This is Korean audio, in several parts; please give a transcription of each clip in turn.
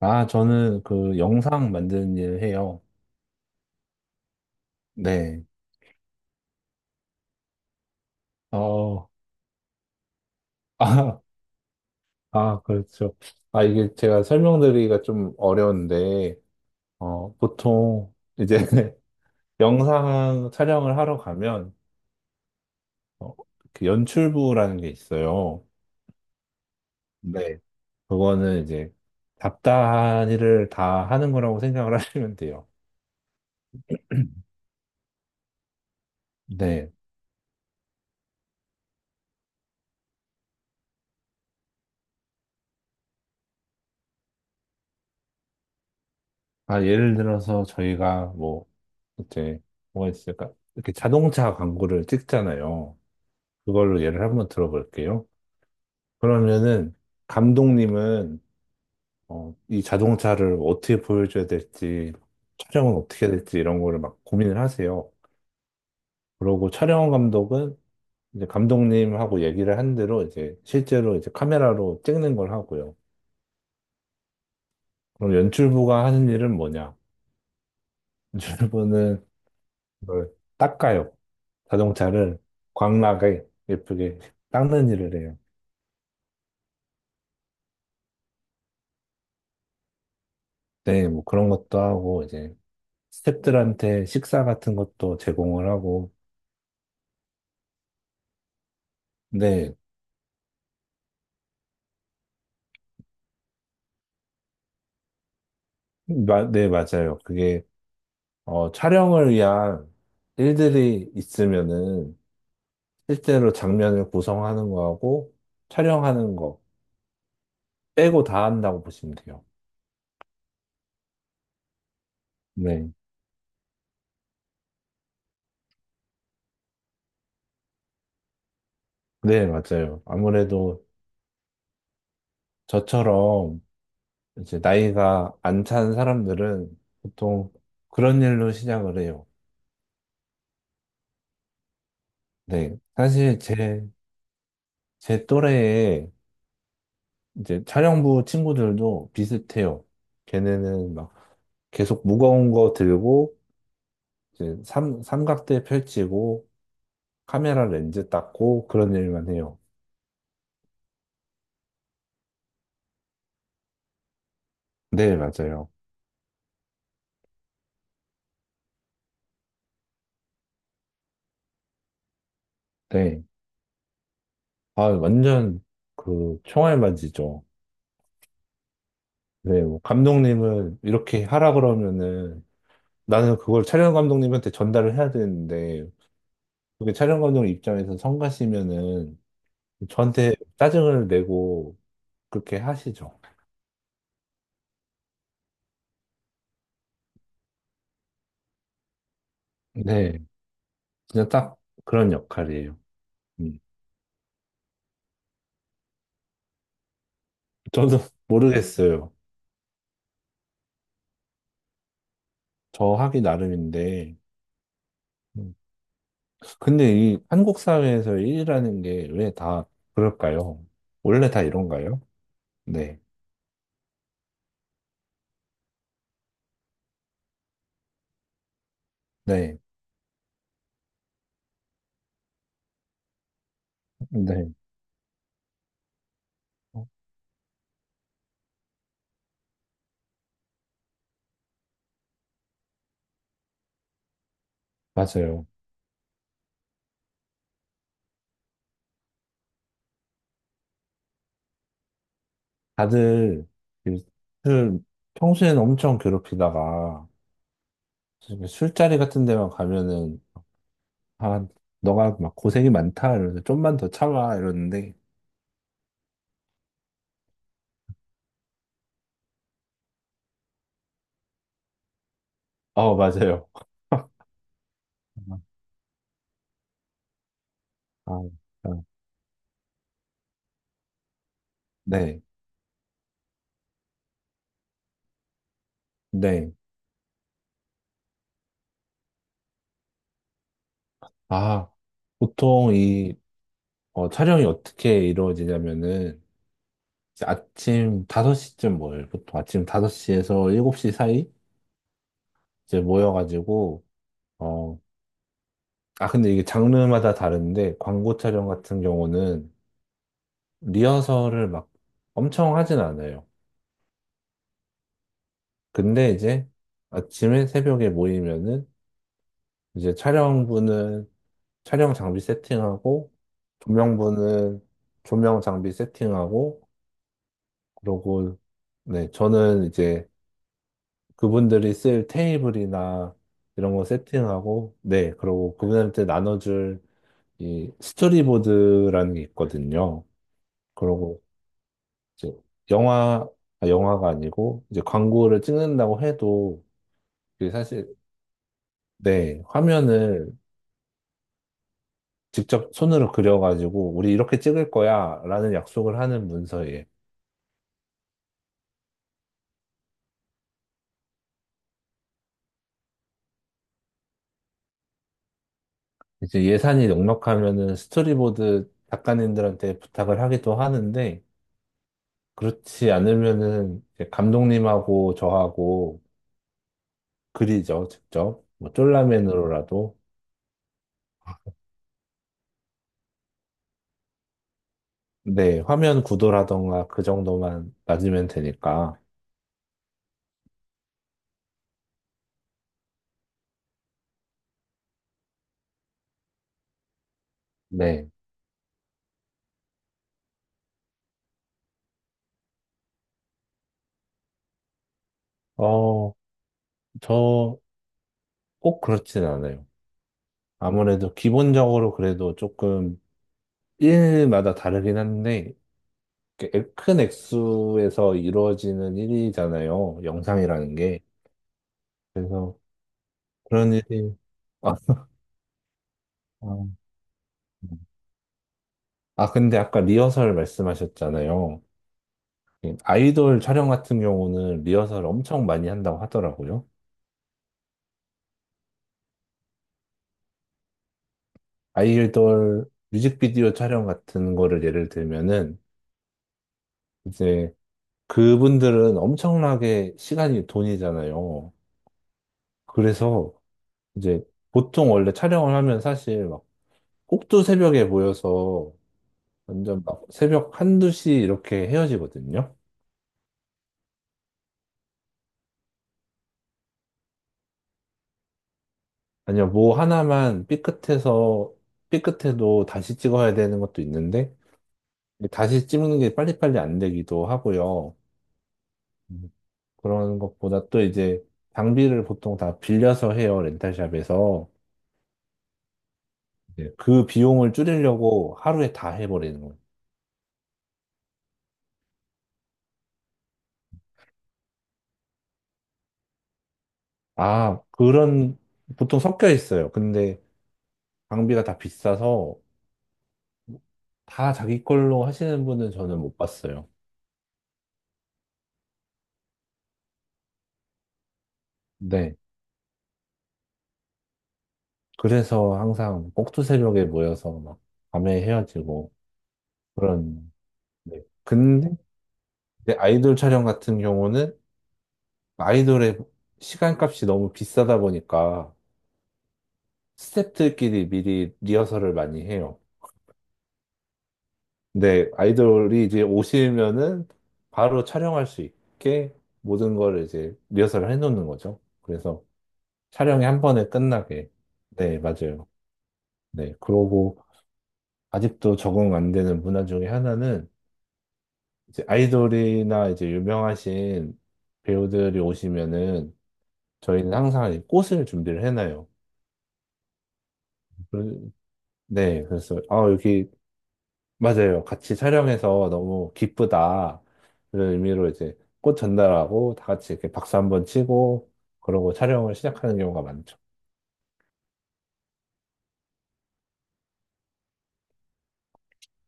아, 저는 그 영상 만드는 일 해요. 네. 어, 아, 아, 그렇죠. 아, 이게 제가 설명드리기가 좀 어려운데, 보통 이제 영상 촬영을 하러 가면, 어, 그 연출부라는 게 있어요. 네. 그거는 이제 잡다한 일을 다 하는 거라고 생각을 하시면 돼요. 네. 아, 예를 들어서 저희가 뭐, 이제 뭐가 있을까? 이렇게 자동차 광고를 찍잖아요. 그걸로 예를 한번 들어볼게요. 그러면은 감독님은 이 자동차를 어떻게 보여줘야 될지 촬영은 어떻게 해야 될지 이런 거를 막 고민을 하세요. 그러고 촬영 감독은 이제 감독님하고 얘기를 한 대로 이제 실제로 이제 카메라로 찍는 걸 하고요. 그럼 연출부가 하는 일은 뭐냐? 연출부는 그걸 닦아요. 자동차를 광나게 예쁘게 닦는 일을 해요. 네, 뭐 그런 것도 하고 이제 스태프들한테 식사 같은 것도 제공을 하고, 네, 네, 맞아요. 그게, 촬영을 위한 일들이 있으면은, 실제로 장면을 구성하는 거하고, 촬영하는 거 빼고 다 한다고 보시면 돼요. 네, 네, 맞아요. 아무래도 저처럼 이제 나이가 안 찬 사람들은 보통 그런 일로 시작을 해요. 네, 사실 제 또래에 이제 촬영부 친구들도 비슷해요. 걔네는 막 계속 무거운 거 들고, 이제 삼각대 펼치고, 카메라 렌즈 닦고, 그런 일만 해요. 네, 맞아요. 네. 아, 완전 그 총알맞이죠. 네, 뭐 감독님은 이렇게 하라 그러면은 나는 그걸 촬영 감독님한테 전달을 해야 되는데, 그게 촬영 감독 입장에서 성가시면은 저한테 짜증을 내고 그렇게 하시죠. 네. 그냥 딱 그런 역할이에요. 음. 저도 모르겠어요. 저 하기 나름인데. 음. 근데 이 한국 사회에서 일이라는 게 왜 다 그럴까요? 원래 다 이런가요? 네, 네, 네. 어, 맞아요. 다들 이 술, 평소에는 엄청 괴롭히다가 술자리 같은 데만 가면은 아, 너가 막 고생이 많다 이러면서 좀만 더 참아 이러는데 맞아요. 아, 아, 아. 네, 네. 아, 보통 이 촬영이 어떻게 이루어지냐면은 이제 아침 5시쯤 모여요. 보통 아침 5시에서 7시 사이 이제 모여가지고 어, 근데 이게 장르마다 다른데 광고 촬영 같은 경우는 리허설을 막 엄청 하진 않아요. 근데 이제 아침에 새벽에 모이면은 이제 촬영부는 촬영 장비 세팅하고 조명부는 조명 장비 세팅하고 그러고, 네, 저는 이제 그분들이 쓸 테이블이나 이런 거 세팅하고, 네, 그러고 그분한테 나눠줄 이 스토리보드라는 게 있거든요. 그러고 이제 영화, 아, 영화가 아니고 이제 광고를 찍는다고 해도 이게 사실, 네, 화면을 직접 손으로 그려가지고 우리 이렇게 찍을 거야 라는 약속을 하는 문서에 이제 예산이 넉넉하면은 스토리보드 작가님들한테 부탁을 하기도 하는데 그렇지 않으면은 이제 감독님하고 저하고 그리죠, 직접. 뭐 쫄라맨으로라도. 네, 화면 구도라던가 그 정도만 낮으면 되니까. 네. 어, 저 꼭 그렇진 않아요. 아무래도 기본적으로 그래도 조금 일마다 다르긴 한데, 이렇게 큰 액수에서 이루어지는 일이잖아요. 영상이라는 게. 그래서 그런 일이, 아, 아, 음. 아, 근데 아까 리허설 말씀하셨잖아요. 예, 아이돌 촬영 같은 경우는 리허설 엄청 많이 한다고 하더라고요. 아이돌 뮤직비디오 촬영 같은 거를 예를 들면은 이제 그분들은 엄청나게 시간이 돈이잖아요. 그래서 이제 보통 원래 촬영을 하면 사실 막 꼭두 새벽에 모여서 완전 막 새벽 한두 시 이렇게 헤어지거든요. 아니요, 뭐 하나만 삐끗해서 삐끗해도 다시 찍어야 되는 것도 있는데 다시 찍는 게 빨리빨리 안 되기도 하고요. 음, 그런 것보다 또 이제 장비를 보통 다 빌려서 해요, 렌탈샵에서. 이제 그 비용을 줄이려고 하루에 다 해버리는 거예요. 아, 그런, 보통 섞여 있어요. 근데 장비가 다 비싸서 다 자기 걸로 하시는 분은 저는 못 봤어요. 네. 그래서 항상 꼭두새벽에 모여서 막 밤에 헤어지고 그런. 네. 근데 이제 아이돌 촬영 같은 경우는 아이돌의 시간값이 너무 비싸다 보니까 스태프들끼리 미리 리허설을 많이 해요. 근데 아이돌이 이제 오시면은 바로 촬영할 수 있게 모든 걸 이제 리허설을 해놓는 거죠. 그래서 촬영이 한 번에 끝나게. 네, 맞아요. 네, 그러고 아직도 적응 안 되는 문화 중에 하나는 이제 아이돌이나 이제 유명하신 배우들이 오시면은 저희는 항상 이 꽃을 준비를 해놔요. 그- 네, 그래서 아 여기 맞아요. 같이 촬영해서 너무 기쁘다. 이런 의미로 이제 꽃 전달하고 다 같이 이렇게 박수 한번 치고 그러고 촬영을 시작하는 경우가 많죠.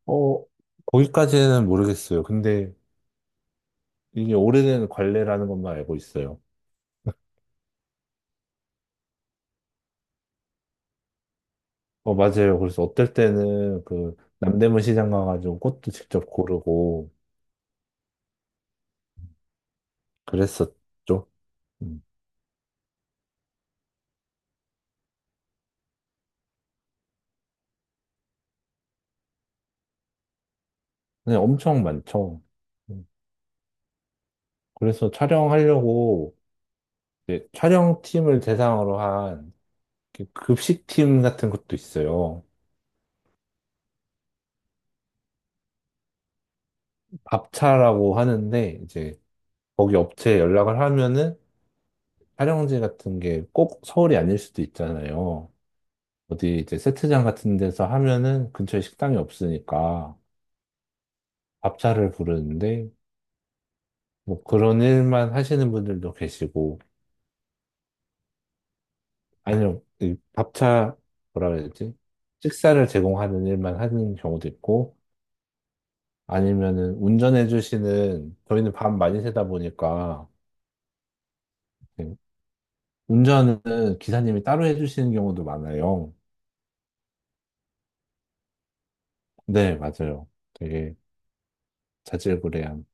어, 거기까지는 모르겠어요. 근데 이게 오래된 관례라는 것만 알고 있어요. 맞아요. 그래서 어떨 때는 그 남대문 시장 가가지고 꽃도 직접 고르고 그랬었죠. 음. 근 엄청 많죠. 음. 그래서 촬영하려고 이제 촬영팀을 대상으로 한 이렇게 급식팀 같은 것도 있어요. 밥차라고 하는데 이제 거기 업체에 연락을 하면은 촬영지 같은 게 꼭 서울이 아닐 수도 있잖아요. 어디 이제 세트장 같은 데서 하면은 근처에 식당이 없으니까 밥차를 부르는데 뭐 그런 일만 하시는 분들도 계시고 아니요 이 밥차 뭐라 해야 되지? 식사를 제공하는 일만 하는 경우도 있고 아니면은 운전해 주시는 저희는 밤 많이 새다 보니까 운전은 기사님이 따로 해주시는 경우도 많아요. 네, 맞아요. 되게 자질구레한.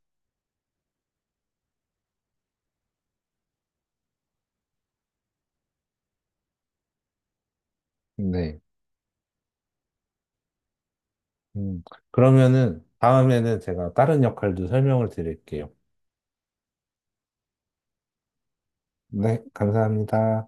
네. 음, 그러면은 다음에는 제가 다른 역할도 설명을 드릴게요. 네, 감사합니다.